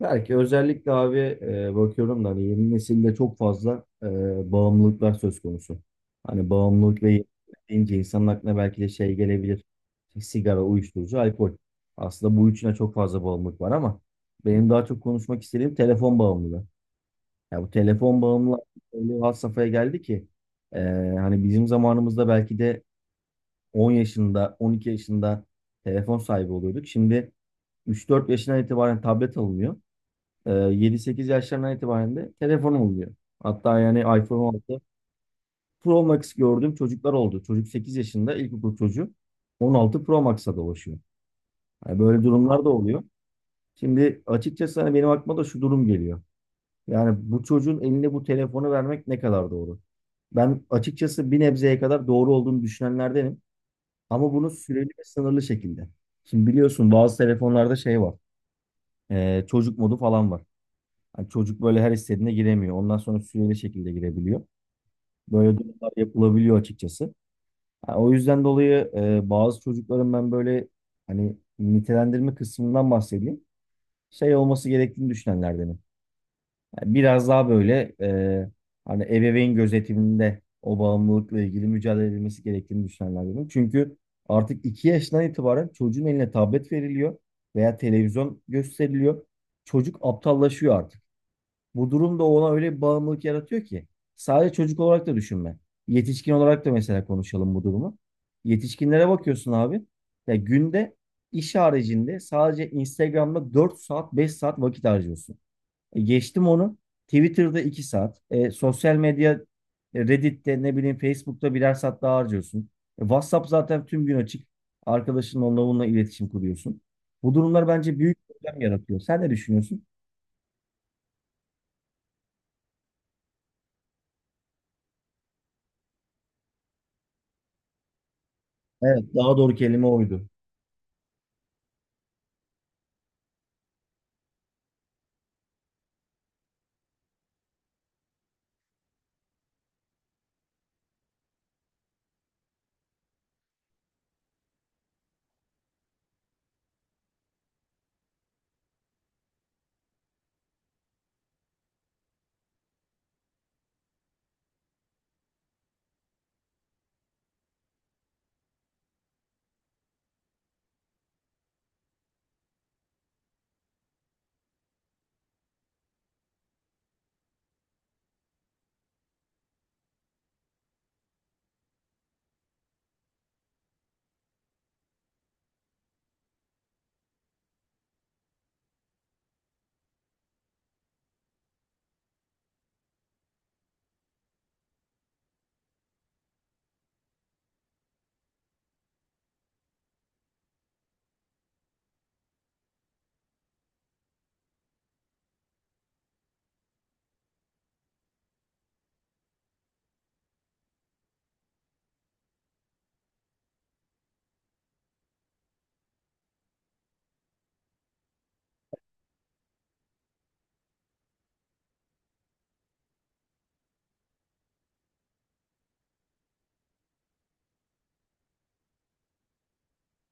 Belki özellikle abi bakıyorum da hani yeni nesilde çok fazla bağımlılıklar söz konusu. Hani bağımlılık ve yenilik deyince insanın aklına belki de şey gelebilir. İşte sigara, uyuşturucu, alkol. Aslında bu üçüne çok fazla bağımlılık var ama benim daha çok konuşmak istediğim telefon bağımlılığı. Ya bu telefon bağımlılığı öyle bir had safhaya geldi ki e, hani bizim zamanımızda belki de 10 yaşında, 12 yaşında telefon sahibi oluyorduk. Şimdi 3-4 yaşından itibaren tablet alınıyor, 7-8 yaşlarından itibaren de telefonum oluyor. Hatta yani iPhone 16 Pro Max gördüğüm çocuklar oldu. Çocuk 8 yaşında ilkokul çocuğu, 16 Pro Max'a dolaşıyor. Yani böyle durumlar da oluyor. Şimdi açıkçası hani benim aklıma da şu durum geliyor. Yani bu çocuğun eline bu telefonu vermek ne kadar doğru? Ben açıkçası bir nebzeye kadar doğru olduğunu düşünenlerdenim. Ama bunu süreli ve sınırlı şekilde. Şimdi biliyorsun bazı telefonlarda şey var. Çocuk modu falan var. Hani çocuk böyle her istediğine giremiyor. Ondan sonra süreli şekilde girebiliyor. Böyle durumlar yapılabiliyor açıkçası. Ha, o yüzden dolayı bazı çocukların ben böyle hani nitelendirme kısmından bahsedeyim. Şey olması gerektiğini düşünenlerdenim. Yani biraz daha böyle hani ebeveyn gözetiminde o bağımlılıkla ilgili mücadele edilmesi gerektiğini düşünenlerdenim. Çünkü artık 2 yaşından itibaren çocuğun eline tablet veriliyor veya televizyon gösteriliyor. Çocuk aptallaşıyor artık. Bu durum da ona öyle bir bağımlılık yaratıyor ki. Sadece çocuk olarak da düşünme. Yetişkin olarak da mesela konuşalım bu durumu. Yetişkinlere bakıyorsun abi. Ya günde iş haricinde sadece Instagram'da 4 saat 5 saat vakit harcıyorsun. E geçtim onu. Twitter'da 2 saat. Sosyal medya Reddit'te ne bileyim Facebook'ta birer saat daha harcıyorsun. WhatsApp zaten tüm gün açık. Arkadaşınla onunla bununla iletişim kuruyorsun. Bu durumlar bence büyük problem yaratıyor. Sen ne düşünüyorsun? Evet, daha doğru kelime oydu.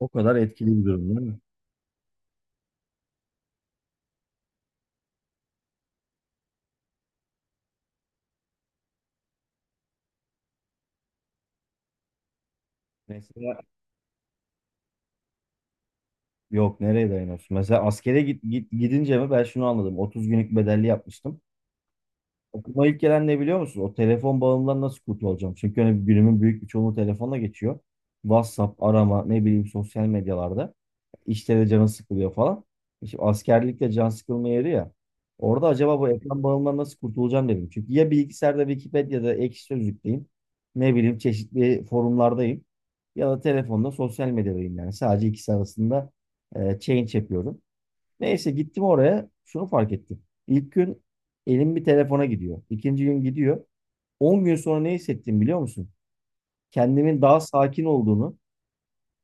O kadar etkili bir durum değil mi? Mesela yok nereye dayanıyorsun? Mesela askere git, gidince mi ben şunu anladım. 30 günlük bedelli yapmıştım. Aklıma ilk gelen ne biliyor musun? O telefon bağımlılığından nasıl kurtulacağım? Çünkü hani günümün büyük bir çoğunluğu telefonla geçiyor. WhatsApp, arama, ne bileyim sosyal medyalarda. İşte de canı sıkılıyor falan. İşte askerlikte can sıkılma yeri ya. Orada acaba bu ekran bağımlılığından nasıl kurtulacağım dedim. Çünkü ya bilgisayarda Wikipedia'da Ekşi Sözlük'teyim. Ne bileyim çeşitli forumlardayım. Ya da telefonda sosyal medyadayım yani. Sadece ikisi arasında change yapıyorum. Neyse gittim oraya. Şunu fark ettim. İlk gün elim bir telefona gidiyor. İkinci gün gidiyor. 10 gün sonra ne hissettim biliyor musun? Kendimin daha sakin olduğunu,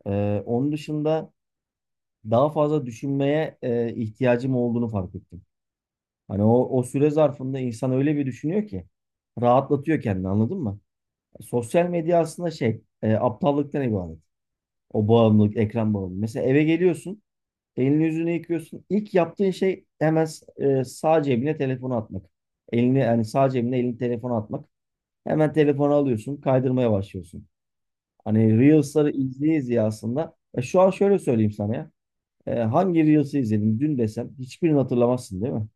onun dışında daha fazla düşünmeye ihtiyacım olduğunu fark ettim. Hani o süre zarfında insan öyle bir düşünüyor ki rahatlatıyor kendini anladın mı? Sosyal medya aslında şey aptallıktan ibaret. O bağımlılık, ekran bağımlılığı. Mesela eve geliyorsun. Elini yüzünü yıkıyorsun. İlk yaptığın şey hemen sağ cebine telefonu atmak. Elini yani sağ cebine elini telefonu atmak. Hemen telefonu alıyorsun, kaydırmaya başlıyorsun. Hani Reels'ları izleye izleye aslında. Şu an şöyle söyleyeyim sana ya. Hangi Reels'ı izledim dün desem hiçbirini hatırlamazsın değil mi?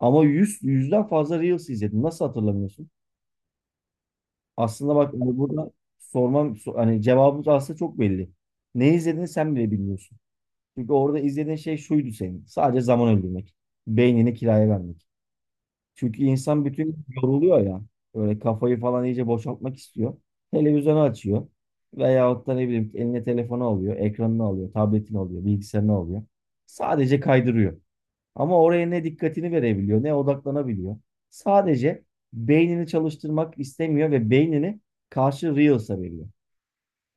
Ama 100 yüzden fazla Reels izledim. Nasıl hatırlamıyorsun? Aslında bak hani burada sormam hani cevabımız aslında çok belli. Ne izlediğini sen bile bilmiyorsun. Çünkü orada izlediğin şey şuydu senin. Sadece zaman öldürmek. Beynini kiraya vermek. Çünkü insan bütün gün yoruluyor ya. Böyle kafayı falan iyice boşaltmak istiyor. Televizyonu açıyor. Veyahut da ne bileyim eline telefonu alıyor. Ekranını alıyor. Tabletini alıyor. Bilgisayarını alıyor. Sadece kaydırıyor. Ama oraya ne dikkatini verebiliyor ne odaklanabiliyor. Sadece beynini çalıştırmak istemiyor ve beynini karşı Reels'a veriyor.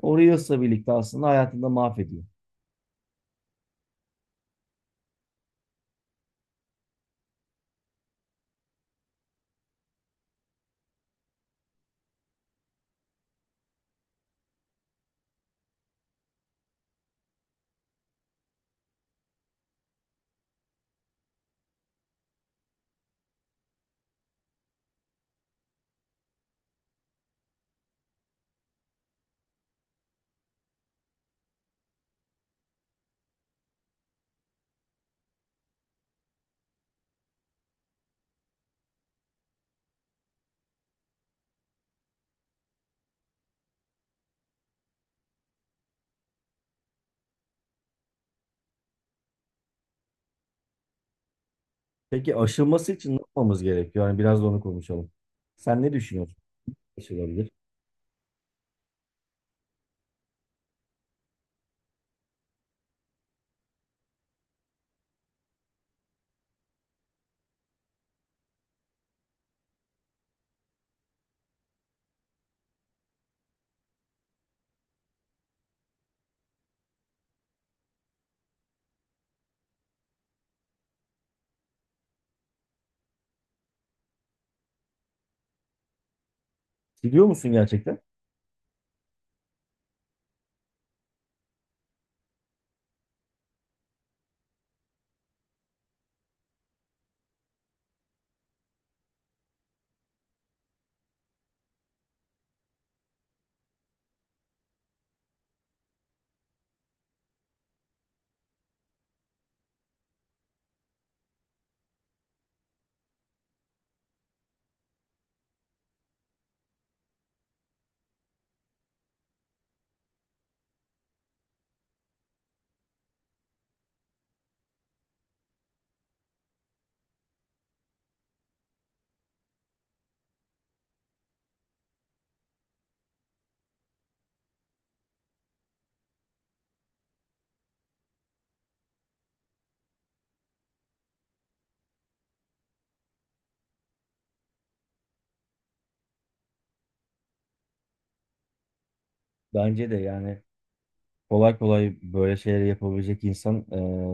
O Reels'la birlikte aslında hayatında mahvediyor. Peki aşılması için ne yapmamız gerekiyor? Yani biraz da onu konuşalım. Sen ne düşünüyorsun? Aşılabilir. Biliyor musun gerçekten? Bence de yani kolay kolay böyle şeyleri yapabilecek insan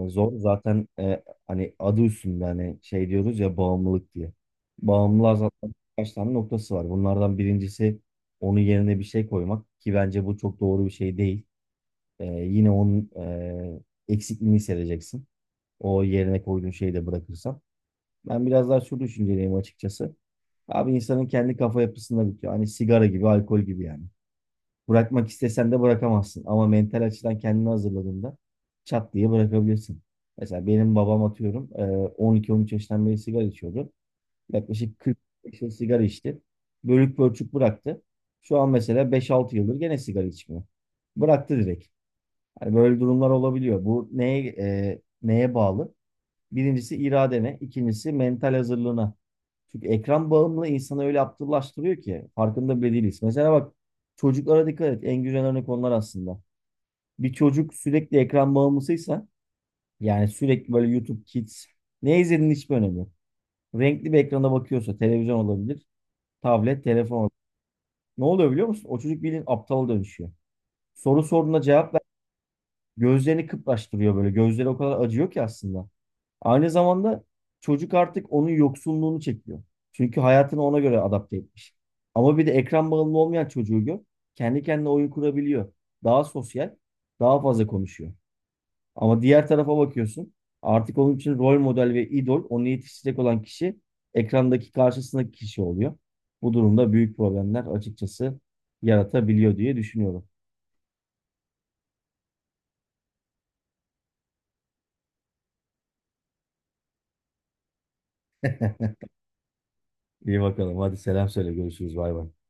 zor. Zaten hani adı üstünde hani şey diyoruz ya bağımlılık diye. Bağımlılığa zaten birkaç tane noktası var. Bunlardan birincisi onun yerine bir şey koymak ki bence bu çok doğru bir şey değil. Yine onun eksikliğini hissedeceksin. O yerine koyduğun şeyi de bırakırsan. Ben biraz daha şu düşünceliyim açıkçası. Abi insanın kendi kafa yapısında bitiyor. Hani sigara gibi, alkol gibi yani. Bırakmak istesen de bırakamazsın. Ama mental açıdan kendini hazırladığında çat diye bırakabilirsin. Mesela benim babam atıyorum 12-13 yaşından beri sigara içiyordu. Yaklaşık 40 yıl sigara içti. Bölük pörçük bıraktı. Şu an mesela 5-6 yıldır gene sigara içmiyor. Bıraktı direkt. Hani böyle durumlar olabiliyor. Bu neye bağlı? Birincisi iradene, ikincisi mental hazırlığına. Çünkü ekran bağımlı insanı öyle aptallaştırıyor ki farkında bile değiliz. Mesela bak çocuklara dikkat et. En güzel örnek onlar aslında. Bir çocuk sürekli ekran bağımlısıysa yani sürekli böyle YouTube Kids ne izlediğinin hiçbir önemi yok. Renkli bir ekrana bakıyorsa televizyon olabilir, tablet, telefon olabilir. Ne oluyor biliyor musun? O çocuk bildiğin aptala dönüşüyor. Soru sorduğuna cevap ver. Gözlerini kıpraştırıyor böyle. Gözleri o kadar acıyor ki aslında. Aynı zamanda çocuk artık onun yoksunluğunu çekiyor. Çünkü hayatını ona göre adapte etmiş. Ama bir de ekran bağımlı olmayan çocuğu gör. Kendi kendine oyun kurabiliyor. Daha sosyal, daha fazla konuşuyor. Ama diğer tarafa bakıyorsun. Artık onun için rol model ve idol onu yetiştirecek olan kişi ekrandaki karşısındaki kişi oluyor. Bu durumda büyük problemler açıkçası yaratabiliyor diye düşünüyorum. İyi bakalım. Hadi selam söyle. Görüşürüz. Bay bay.